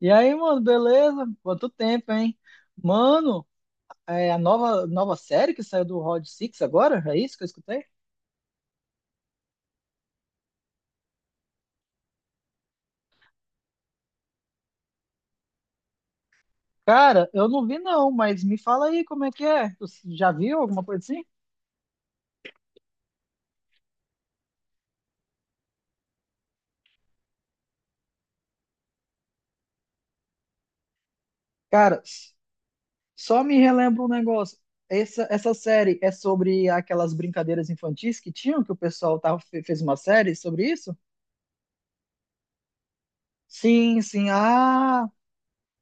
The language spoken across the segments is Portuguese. E aí, mano, beleza? Quanto tempo, hein? Mano, é a nova série que saiu do Rod Six agora? É isso que eu escutei? Cara, eu não vi não, mas me fala aí como é que é. Tu já viu alguma coisa assim? Cara, só me relembra um negócio. Essa série é sobre aquelas brincadeiras infantis que tinham, que o pessoal tava, fez uma série sobre isso? Sim, sim. Ah,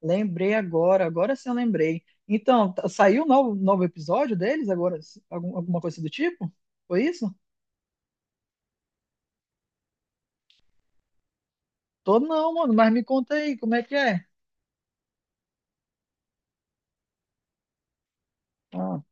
lembrei agora, agora sim eu lembrei. Então, saiu um novo episódio deles agora? Alguma coisa do tipo? Foi isso? Tô não, mano, mas me conta aí, como é que é? Ah,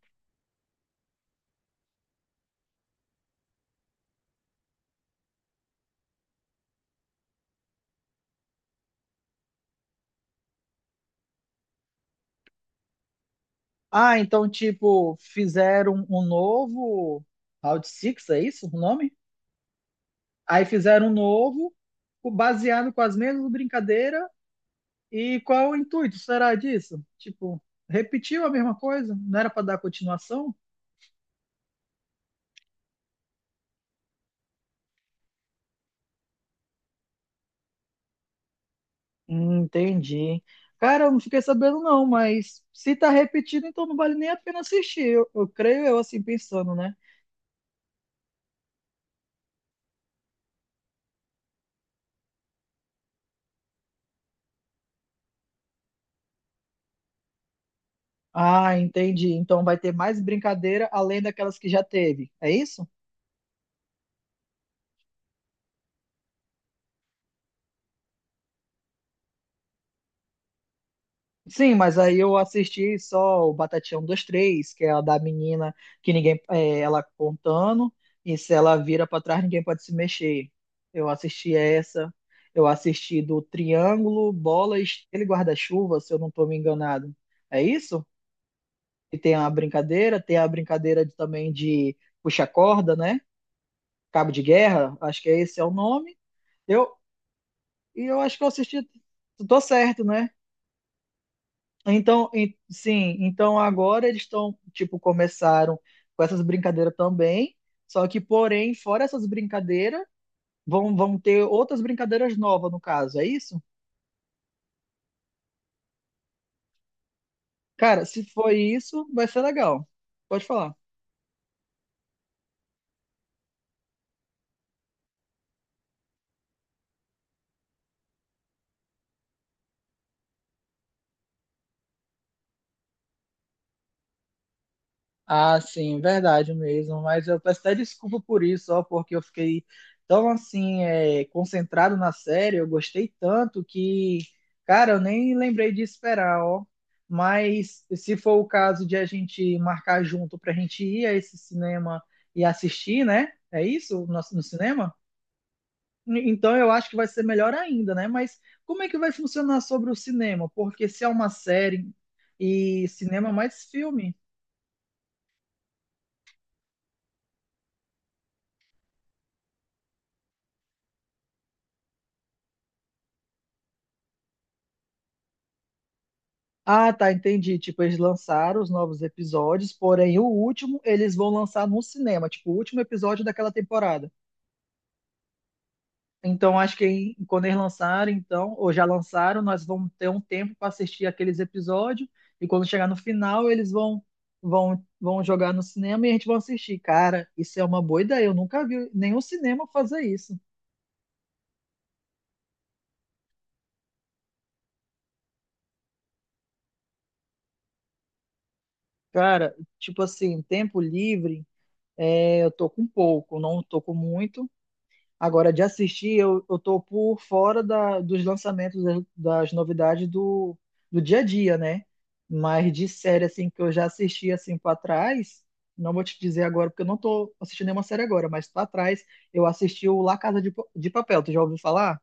ah, então, tipo, fizeram um novo Round Six, é isso o nome? Aí fizeram um novo, baseado com as mesmas brincadeiras, e qual é o intuito, será disso? Tipo, repetiu a mesma coisa? Não era pra dar continuação? Entendi. Cara, eu não fiquei sabendo não, mas se tá repetido, então não vale nem a pena assistir. Eu creio eu assim pensando, né? Ah, entendi. Então vai ter mais brincadeira além daquelas que já teve. É isso? Sim, mas aí eu assisti só o Batatinha 1, 2, 3, que é a da menina que ninguém, é, ela contando, e se ela vira pra trás, ninguém pode se mexer. Eu assisti essa. Eu assisti do Triângulo, Bola, Estrela e Guarda-Chuva, se eu não tô me enganado. É isso? E tem a brincadeira também de puxa corda, né? Cabo de guerra, acho que é esse é o nome. Eu e eu acho que eu assisti, tô certo, né? Então, sim, então agora eles estão, tipo, começaram com essas brincadeiras também, só que porém, fora essas brincadeiras, vão ter outras brincadeiras novas no caso, é isso? Cara, se for isso, vai ser legal. Pode falar. Ah, sim, verdade mesmo. Mas eu peço até desculpa por isso, ó, porque eu fiquei tão assim, é, concentrado na série, eu gostei tanto que, cara, eu nem lembrei de esperar, ó. Mas se for o caso de a gente marcar junto pra gente ir a esse cinema e assistir, né? É isso? No, no cinema? Então eu acho que vai ser melhor ainda, né? Mas como é que vai funcionar sobre o cinema? Porque se é uma série e cinema é mais filme. Ah, tá, entendi. Tipo, eles lançaram os novos episódios, porém o último eles vão lançar no cinema, tipo, o último episódio daquela temporada. Então, acho que quando eles lançarem, então, ou já lançaram, nós vamos ter um tempo para assistir aqueles episódios e quando chegar no final, eles vão jogar no cinema e a gente vai assistir. Cara, isso é uma boa ideia. Eu nunca vi nenhum cinema fazer isso. Cara, tipo assim, tempo livre, é, eu tô com pouco, não tô com muito. Agora, de assistir, eu tô por fora da, dos lançamentos, das, das novidades do, do dia a dia, né? Mas de série, assim, que eu já assisti, assim, pra trás, não vou te dizer agora, porque eu não tô assistindo nenhuma série agora, mas pra trás, eu assisti o La Casa de, de Papel, tu já ouviu falar?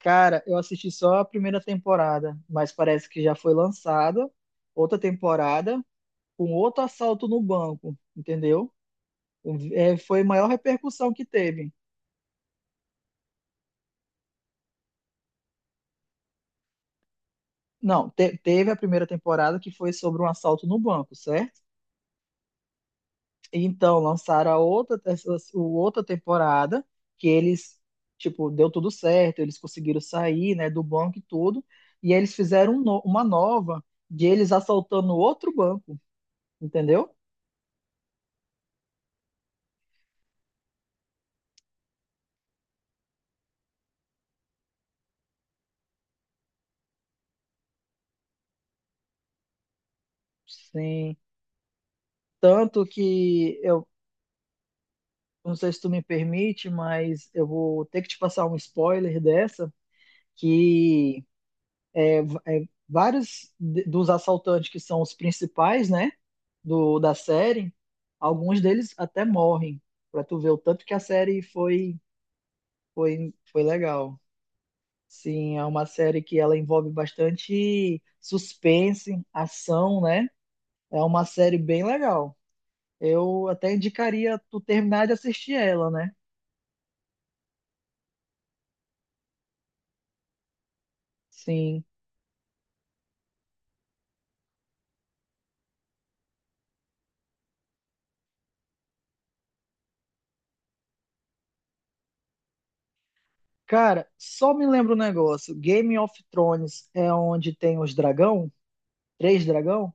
Cara, eu assisti só a primeira temporada, mas parece que já foi lançada outra temporada com outro assalto no banco, entendeu? É, foi a maior repercussão que teve. Não, teve a primeira temporada que foi sobre um assalto no banco, certo? E então lançaram a outra, essa, outra temporada que eles, tipo, deu tudo certo, eles conseguiram sair, né, do banco e tudo, e aí eles fizeram uma nova de eles assaltando outro banco, entendeu? Sim. Tanto que eu não sei se tu me permite, mas eu vou ter que te passar um spoiler dessa que é, é vários dos assaltantes que são os principais, né? do, da série, alguns deles até morrem, pra tu ver o tanto que a série foi, foi legal. Sim, é uma série que ela envolve bastante suspense, ação, né? É uma série bem legal. Eu até indicaria tu terminar de assistir ela, né? Sim. Cara, só me lembra um negócio. Game of Thrones é onde tem os dragão? Três dragão?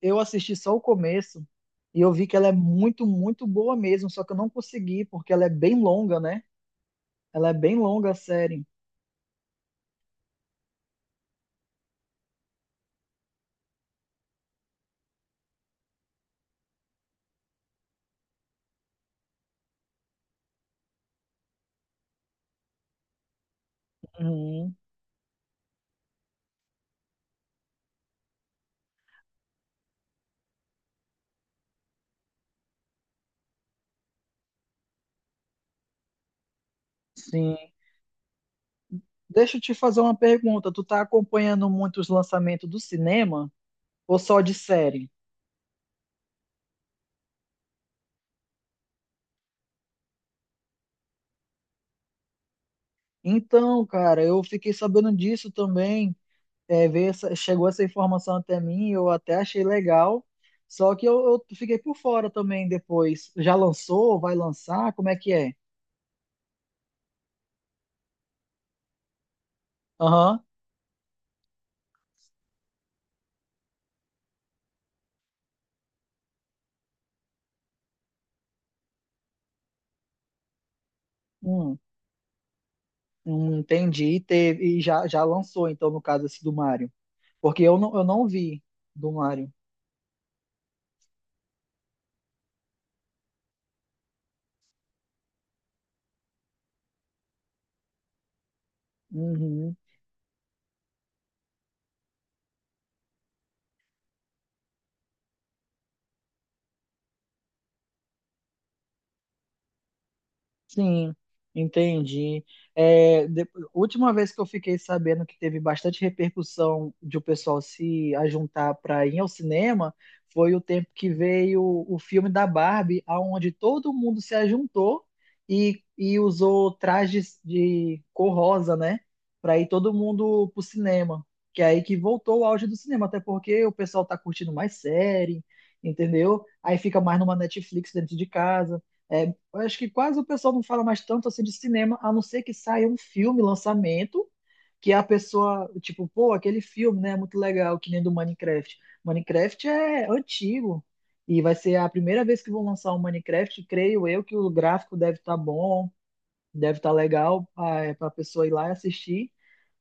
Eu assisti só o começo e eu vi que ela é muito boa mesmo, só que eu não consegui, porque ela é bem longa, né? Ela é bem longa a série. Uhum, sim. Deixa eu te fazer uma pergunta. Tu tá acompanhando muito os lançamentos do cinema ou só de série? Então, cara, eu fiquei sabendo disso também. É, veio chegou essa informação até mim, eu até achei legal. Só que eu fiquei por fora também depois. Já lançou? Vai lançar? Como é que é? Aham. Hum. Entendi, e teve, e já lançou, então, no caso, esse do Mario. Porque eu não vi do Mario. Uhum. Sim, entendi. É, última vez que eu fiquei sabendo que teve bastante repercussão de o pessoal se ajuntar para ir ao cinema foi o tempo que veio o filme da Barbie, aonde todo mundo se ajuntou e usou trajes de cor rosa, né? Para ir todo mundo pro cinema. Que é aí que voltou o auge do cinema, até porque o pessoal tá curtindo mais série, entendeu? Aí fica mais numa Netflix dentro de casa. É, eu acho que quase o pessoal não fala mais tanto assim de cinema, a não ser que saia um filme, lançamento, que a pessoa, tipo, pô, aquele filme, né, é muito legal, que nem do Minecraft. Minecraft é antigo e vai ser a primeira vez que vão lançar o Minecraft, creio eu que o gráfico deve estar bom. Deve estar legal para a pessoa ir lá e assistir.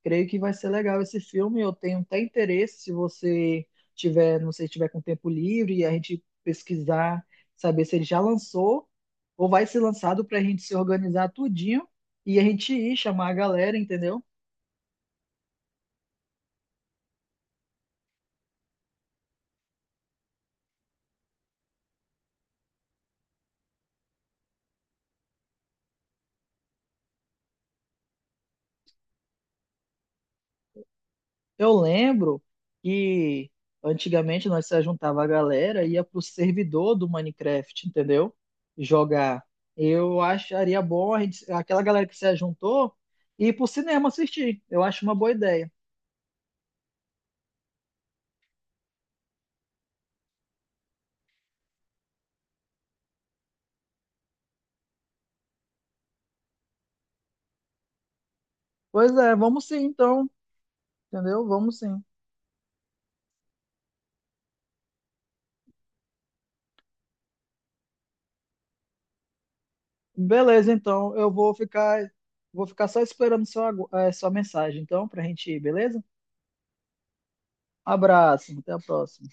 Creio que vai ser legal esse filme. Eu tenho até interesse se você tiver, não sei, tiver com tempo livre e a gente pesquisar, saber se ele já lançou ou vai ser lançado para a gente se organizar tudinho e a gente ir chamar a galera, entendeu? Eu lembro que antigamente nós se juntava a galera e ia pro servidor do Minecraft, entendeu? Jogar. Eu acharia bom a gente, aquela galera que se juntou ir pro cinema assistir. Eu acho uma boa ideia. Pois é, vamos sim então, entendeu? Vamos sim. Beleza, então eu vou ficar só esperando sua, sua mensagem então pra gente ir, beleza? Abraço, até a próxima.